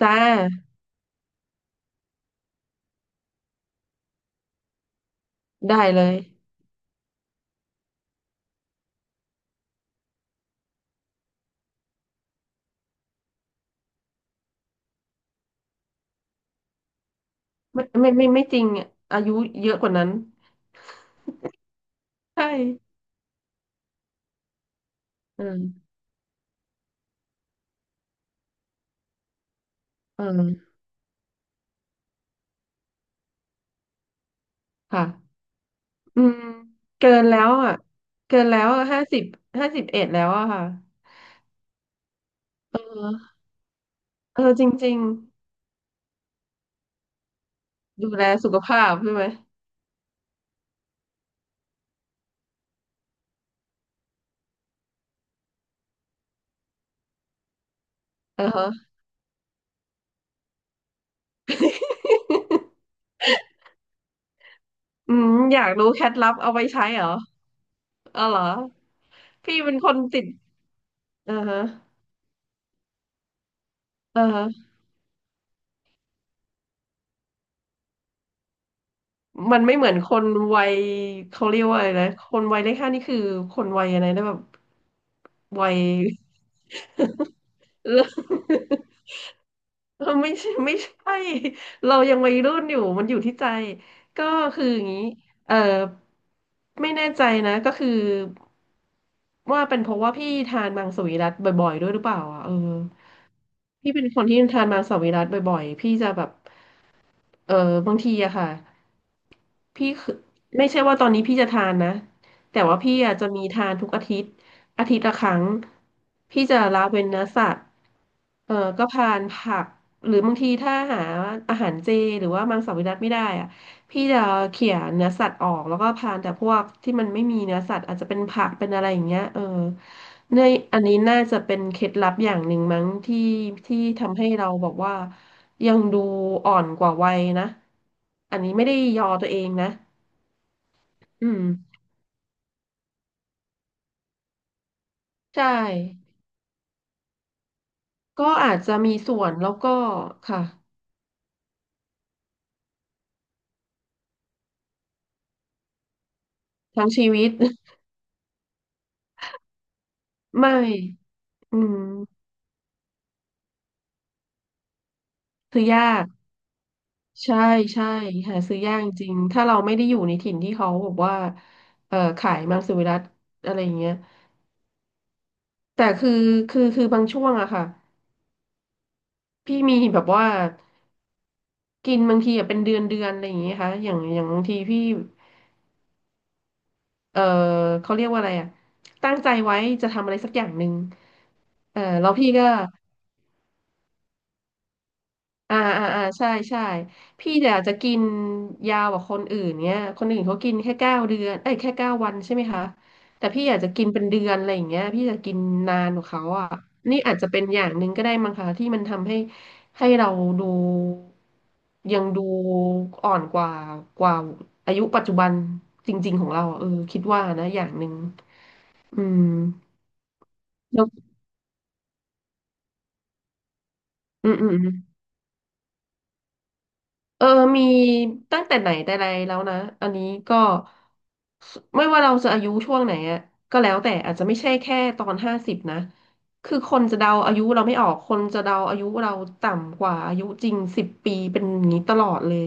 จ้าได้เลยไม่ไม่ไม่ไม่จริงอะอายุเยอะกว่านั้นใช่อืมอืมค่ะอืมเกินแล้วอ่ะเกินแล้วห้าสิบ51แล้วอะค่ะเออเออจริงๆดูแลสุขภาพใช่ไหมเออฮะอืมอยากรู้เคล็ดลับเอาไว้ใช้เหรอเออเหรอพี่เป็นคนติดเออฮะเออฮะ มันไม่เหมือนคนวัยเขาเรียกว่าอะไรนะคนวัยเลขห้านี่คือคนวัยอะไรนะแบบวัย เออ ไม่ใช่ไม่ใช่เรายังวัยรุ่นอยู่มันอยู่ที่ใจก็คืออย่างนี้เออไม่แน่ใจนะก็คือว่าเป็นเพราะว่าพี่ทานมังสวิรัติบ่อยๆด้วยหรือเปล่าอ่ะเออพี่เป็นคนที่ทานมังสวิรัติบ่อยๆพี่จะแบบเออบางทีอะค่ะ พี่คือไม่ใช่ว่าตอนนี้พี่จะทานนะแต่ว่าพี่อะจะมีทานทุกอาทิตย์อาทิตย์ละครั้งพี่จะละเว้นเนื้อสัตว์เออก็ทานผักหรือบางทีถ้าหาอาหารเจหรือว่ามังสวิรัติไม่ได้อะ พี่จะเขี่ยเนื้อสัตว์ออกแล้วก็พานแต่พวกที่มันไม่มีเนื้อสัตว์อาจจะเป็นผักเป็นอะไรอย่างเงี้ยเออในอันนี้น่าจะเป็นเคล็ดลับอย่างหนึ่งมั้งที่ทำให้เราบอกว่ายังดูอ่อนกว่าวัยนะอันนี้ไม่ได้ยอตัวเองนะอืมใช่ก็อาจจะมีส่วนแล้วก็ค่ะทั้งชีวิต ไม่อืมคือยาก ใช่ใช่หาซื้อยากจริงถ้าเราไม่ได้อยู่ในถิ่นที่เขาบอกว่าขายมังสวิรัติอะไรอย่างเงี้ยแต่คือบางช่วงอะค่ะพี่มีแบบว่ากินบางทีอะเป็นเดือนเดือนอะไรอย่างเงี้ยค่ะอย่างอย่างบางทีพี่เออเขาเรียกว่าอะไรอะตั้งใจไว้จะทำอะไรสักอย่างหนึ่งเออแล้วพี่ก็ อ่าอ่าอ่าใช่ใช่พี่เนี่ยอาจจะกินยาวกว่าคนอื่นเนี่ยคนอื่นเขากินแค่9 เดือนเอ้ยแค่9 วันใช่ไหมคะแต่พี่อาจจะกินเป็นเดือนอะไรอย่างเงี้ยพี่จะกินนานกว่าเขาอ่ะนี่อาจจะเป็นอย่างหนึ่งก็ได้มั้งคะที่มันทำให้เราดูยังดูอ่อนกว่ากว่าอายุปัจจุบันจริงๆของเราอะเออคิดว่านะอย่างหนึ่งอืมแล้วอืมอืม เออมีตั้งแต่ไหนแต่ไรแล้วนะอันนี้ก็สไม่ว่าเราจะอายุช่วงไหนอะก็แล้วแต่อาจจะไม่ใช่แค่ตอนห้าสิบนะคือคนจะเดาอายุเราไม่ออก คนจะเดาอายุเราต่ำกว่าอายุจริง10 ปีเป็นอย่างนี้ตลอดเลย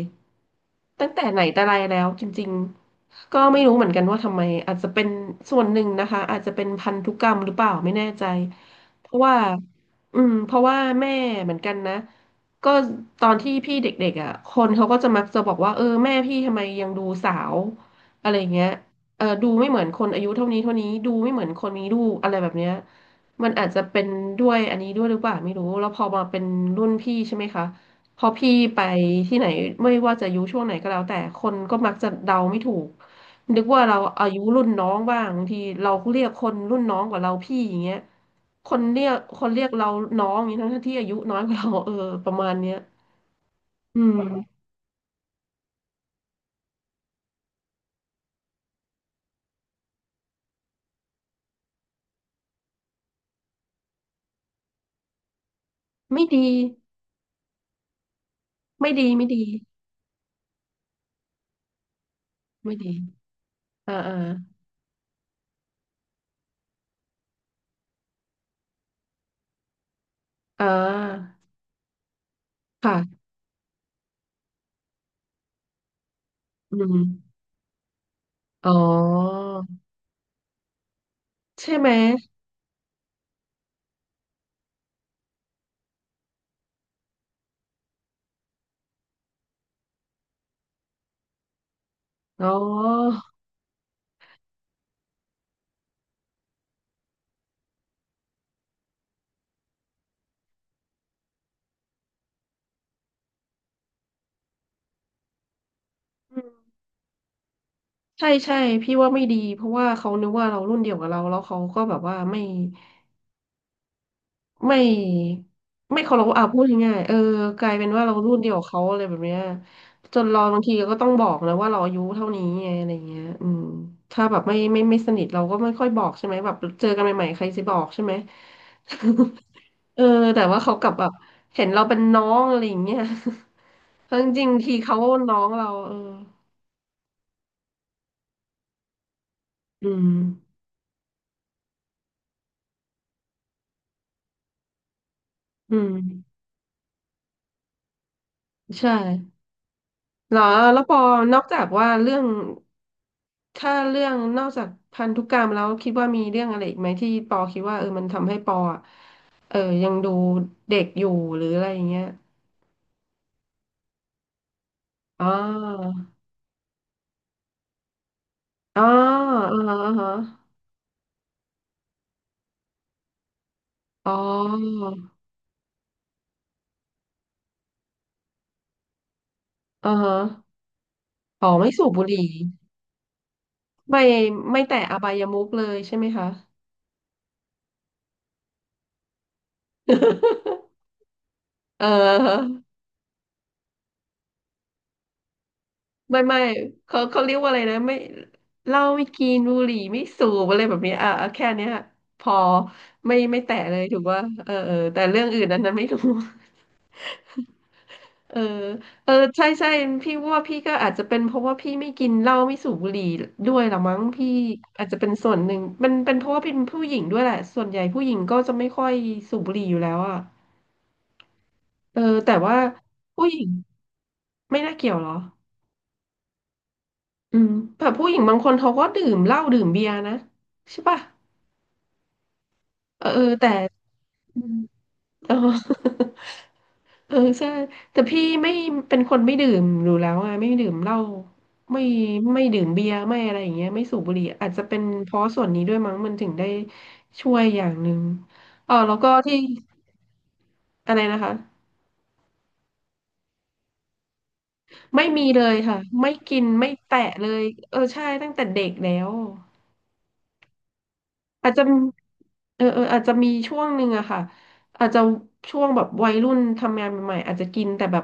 ตั้งแต่ไหนแต่ไรแล้วจริงๆก็ไม่รู้เหมือนกันว่าทำไมอาจจะเป็นส่วนหนึ่งนะคะอาจจะเป็นพันธุกรรมหรือเปล่าไม่แน่ใจเพราะว่าอืมเพราะว่าแม่เหมือนกันนะ ก็ตอนที่พี่เด็กๆอ่ะคนเขาก็จะมักจะบอกว่าเออแม่พี่ทำไมยังดูสาวอะไรเงี้ยเออดูไม่เหมือนคนอายุเท่านี้เท่านี้ดูไม่เหมือนคนมีลูกอะไรแบบเนี้ยมันอาจจะเป็นด้วยอันนี้ด้วยหรือเปล่าไม่รู้แล้วพอมาเป็นรุ่นพี่ใช่ไหมคะพอพี่ไปที่ไหนไม่ว่าจะอายุช่วงไหนก็แล้วแต่คนก็มักจะเดาไม่ถูกนึกว่าเราอายุรุ่นน้องบ้างบางทีเราเรียกคนรุ่นน้องกว่าเราพี่อย่างเงี้ย คนเรียกเราน้องอย่างนี้ทั้งที่อายุน้อยกว่าเราเออประมาณเนี้ยอืมไม่ดีไม่ดีไม่ดีไม่ดีอ่าอ่าอ่าค่ะอืมอ๋อใช่ไหมอ๋ออืมใช่ใช่พี่ว่าไม่ดีเพราะว่าเขานึกว่าเรารุ่นเดียวกับเราแล้วเขาก็แบบว่าไม่ ไม่ไม่เคารพอ่ะพูดง่ายๆเออกลายเป็นว่าเรารุ่นเดียวกับเขาอะไรแบบเนี้ยจนเราบางทีก็ต้องบอกนะว่าเราอายุเท่านี้ไงอะไรเงี้ยอืมถ้าแบบไม่สนิทเราก็ไม่ค่อยบอกใช่ไหมแบบเจอกันใหม่ๆใครจะบอกใช่ไหม เออแต่ว่าเขากลับแบบเห็นเราเป็นน้องอะไรอย่างเงี้ย ทั้งจริงๆทีเขาน้องเราเอออืมอืมใช่ เหรอแล้วปอนอกจากว่าเรื่องถ้าเรื่องนอกจากพันธุกรรมแล้วคิดว่ามีเรื่องอะไรอีกไหมที่ปอคิดว่าเออมันทำให้ปออะเออยังดูเด็กอยู่หรืออะไรอย่างเงี้ยอ๋ออ๋ออ๋ออ๋อฮะอ๋ออ๋อฮะอ๋อไม่สูบบุหรี่ไม่ไม่แตะอบายมุขเลยใช่ไหมคะ เออ ไม่เขาเรียกว่าอะไรนะไม่เหล้าไม่กินบุหรี่ไม่สูบอะไรแบบเนี้ยอ่ะอ่ะแค่เนี้ยพอไม่แตะเลยถูกว่าเออเออแต่เรื่องอื่นนั้นไม่รู้ เออเออใช่ใช่พี่ว่าพี่ก็อาจจะเป็นเพราะว่าพี่ไม่กินเหล้าไม่สูบบุหรี่ด้วยละมั้งพี่อาจจะเป็นส่วนหนึ่งมันเป็นเพราะว่าเป็นผู้หญิงด้วยแหละส่วนใหญ่ผู้หญิงก็จะไม่ค่อยสูบบุหรี่อยู่แล้วอ่ะเออแต่ว่าผู้หญิงไม่น่าเกี่ยวเหรออืมแต่ผู้หญิงบางคนเขาก็ดื่มเหล้าดื่มเบียร์นะใช่ป่ะ เออเออแต่อืมเออ เออใช่แต่พี่ไม่เป็นคนไม่ดื่มอยู่แล้วไงไม่ดื่มเหล้าไม่ไม่ดื่มเบียร์ไม่อะไรอย่างเงี้ยไม่สูบบุหรี่อาจจะเป็นเพราะส่วนนี้ด้วยมั้งมันถึงได้ช่วยอย่างหนึ่งอ๋อแล้วก็ที่อะไรนะคะไม่มีเลยค่ะไม่กินไม่แตะเลยเออใช่ตั้งแต่เด็กแล้ว อาจจะเออเอออาจจะมีช่วงหนึ่งอะค่ะอาจจะช่วงแบบวัยรุ่นทำงานใหม่ๆอาจจะกินแต่แบบ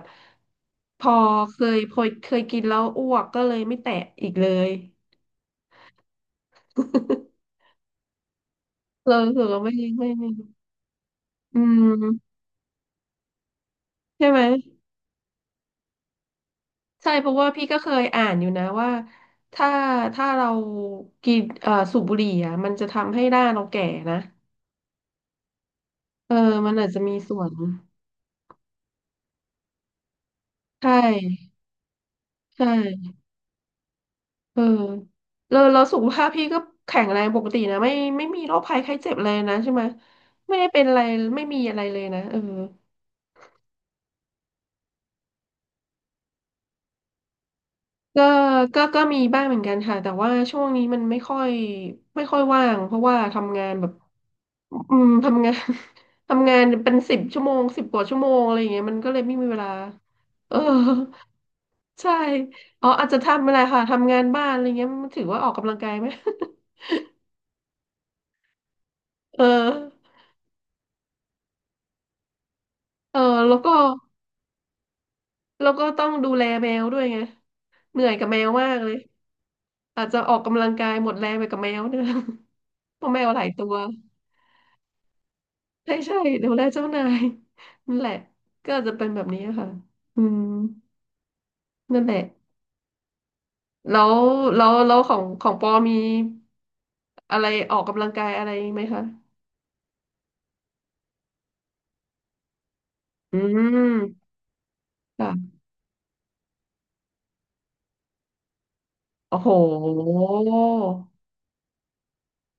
พอเคยพอเคยกินแล้วอ้วกก็เลยไม่แตะอีกเลย เรารู้สึกเราไม่อืมใช่ไหมใช่เพราะว่าพี่ก็เคยอ่านอยู่นะว่าถ้าถ้าเรากินสูบบุหรี่อ่ะมันจะทำให้หน้าเราแก่นะเออมันอาจจะมีส่วนใช่ใช่ เออแล้วแล้วสุขภาพพี่ก็แข็งแรงปกตินะไม่มีโรคภัยไข้เจ็บเลยนะใช่ไหมไม่ได้เป็นอะไรไม่มีอะไรเลยนะเออก็ก็ก็มีบ้างเหมือนกันค่ะแต่ว่าช่วงนี้มันไม่ค่อยว่างเพราะว่าทำงานแบบอืมทำงาน ทำงานเป็นสิบชั่วโมงสิบกว่าชั่วโมงอะไรอย่างเงี้ยมันก็เลยไม่มีเวลาเออใช่อ๋ออาจจะทำอะไรค่ะทำงานบ้านอะไรเงี้ยมันถือว่าออกกำลังกายไหม เออเออแล้วก็ แล้วก็ต้องดูแลแมวด้วยไง เหนื่อยกับแมวมากเลยอาจจะออกกำลังกายหมดแรงไปกับแมวเนี่ย เพราะแมวหลายตัว ใช่ใช่ดูแลเจ้านายนั่นแหละ ก็อาจจะเป็นแบบนี้ค่ะอืมนั่นแหละ แล้วแล้วของของปอมีอะไรออกกำลังกายอะไรไหมคะอืมค่ะโอ้โห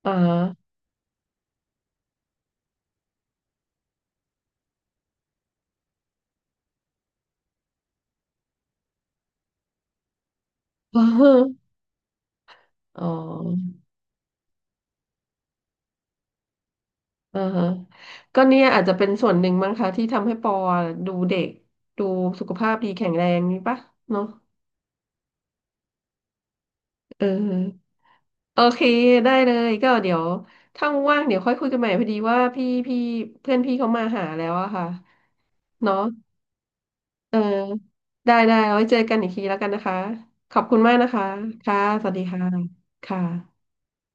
อ่า อ๋อ อ่าฮะก็เนี่ยอาจจะเป็นส่วนหนึ่งมั้งคะที่ทำให้ปอดูเด็กดูสุขภาพดีแข็งแรงนี่ปะเนาะเออโอเคได้เลยก็เดี๋ยวถ้าว่างๆเดี๋ยวค่อยคุยกันใหม่พอดีว่าพี่เพื่อนพี่เขามาหาแล้วอะค่ะเนาะเออได้ได้เอาไว้เจอกันอีกทีแล้วกันนะคะขอบคุณมากนะคะค่ะสวัสดีค่ะค่ะ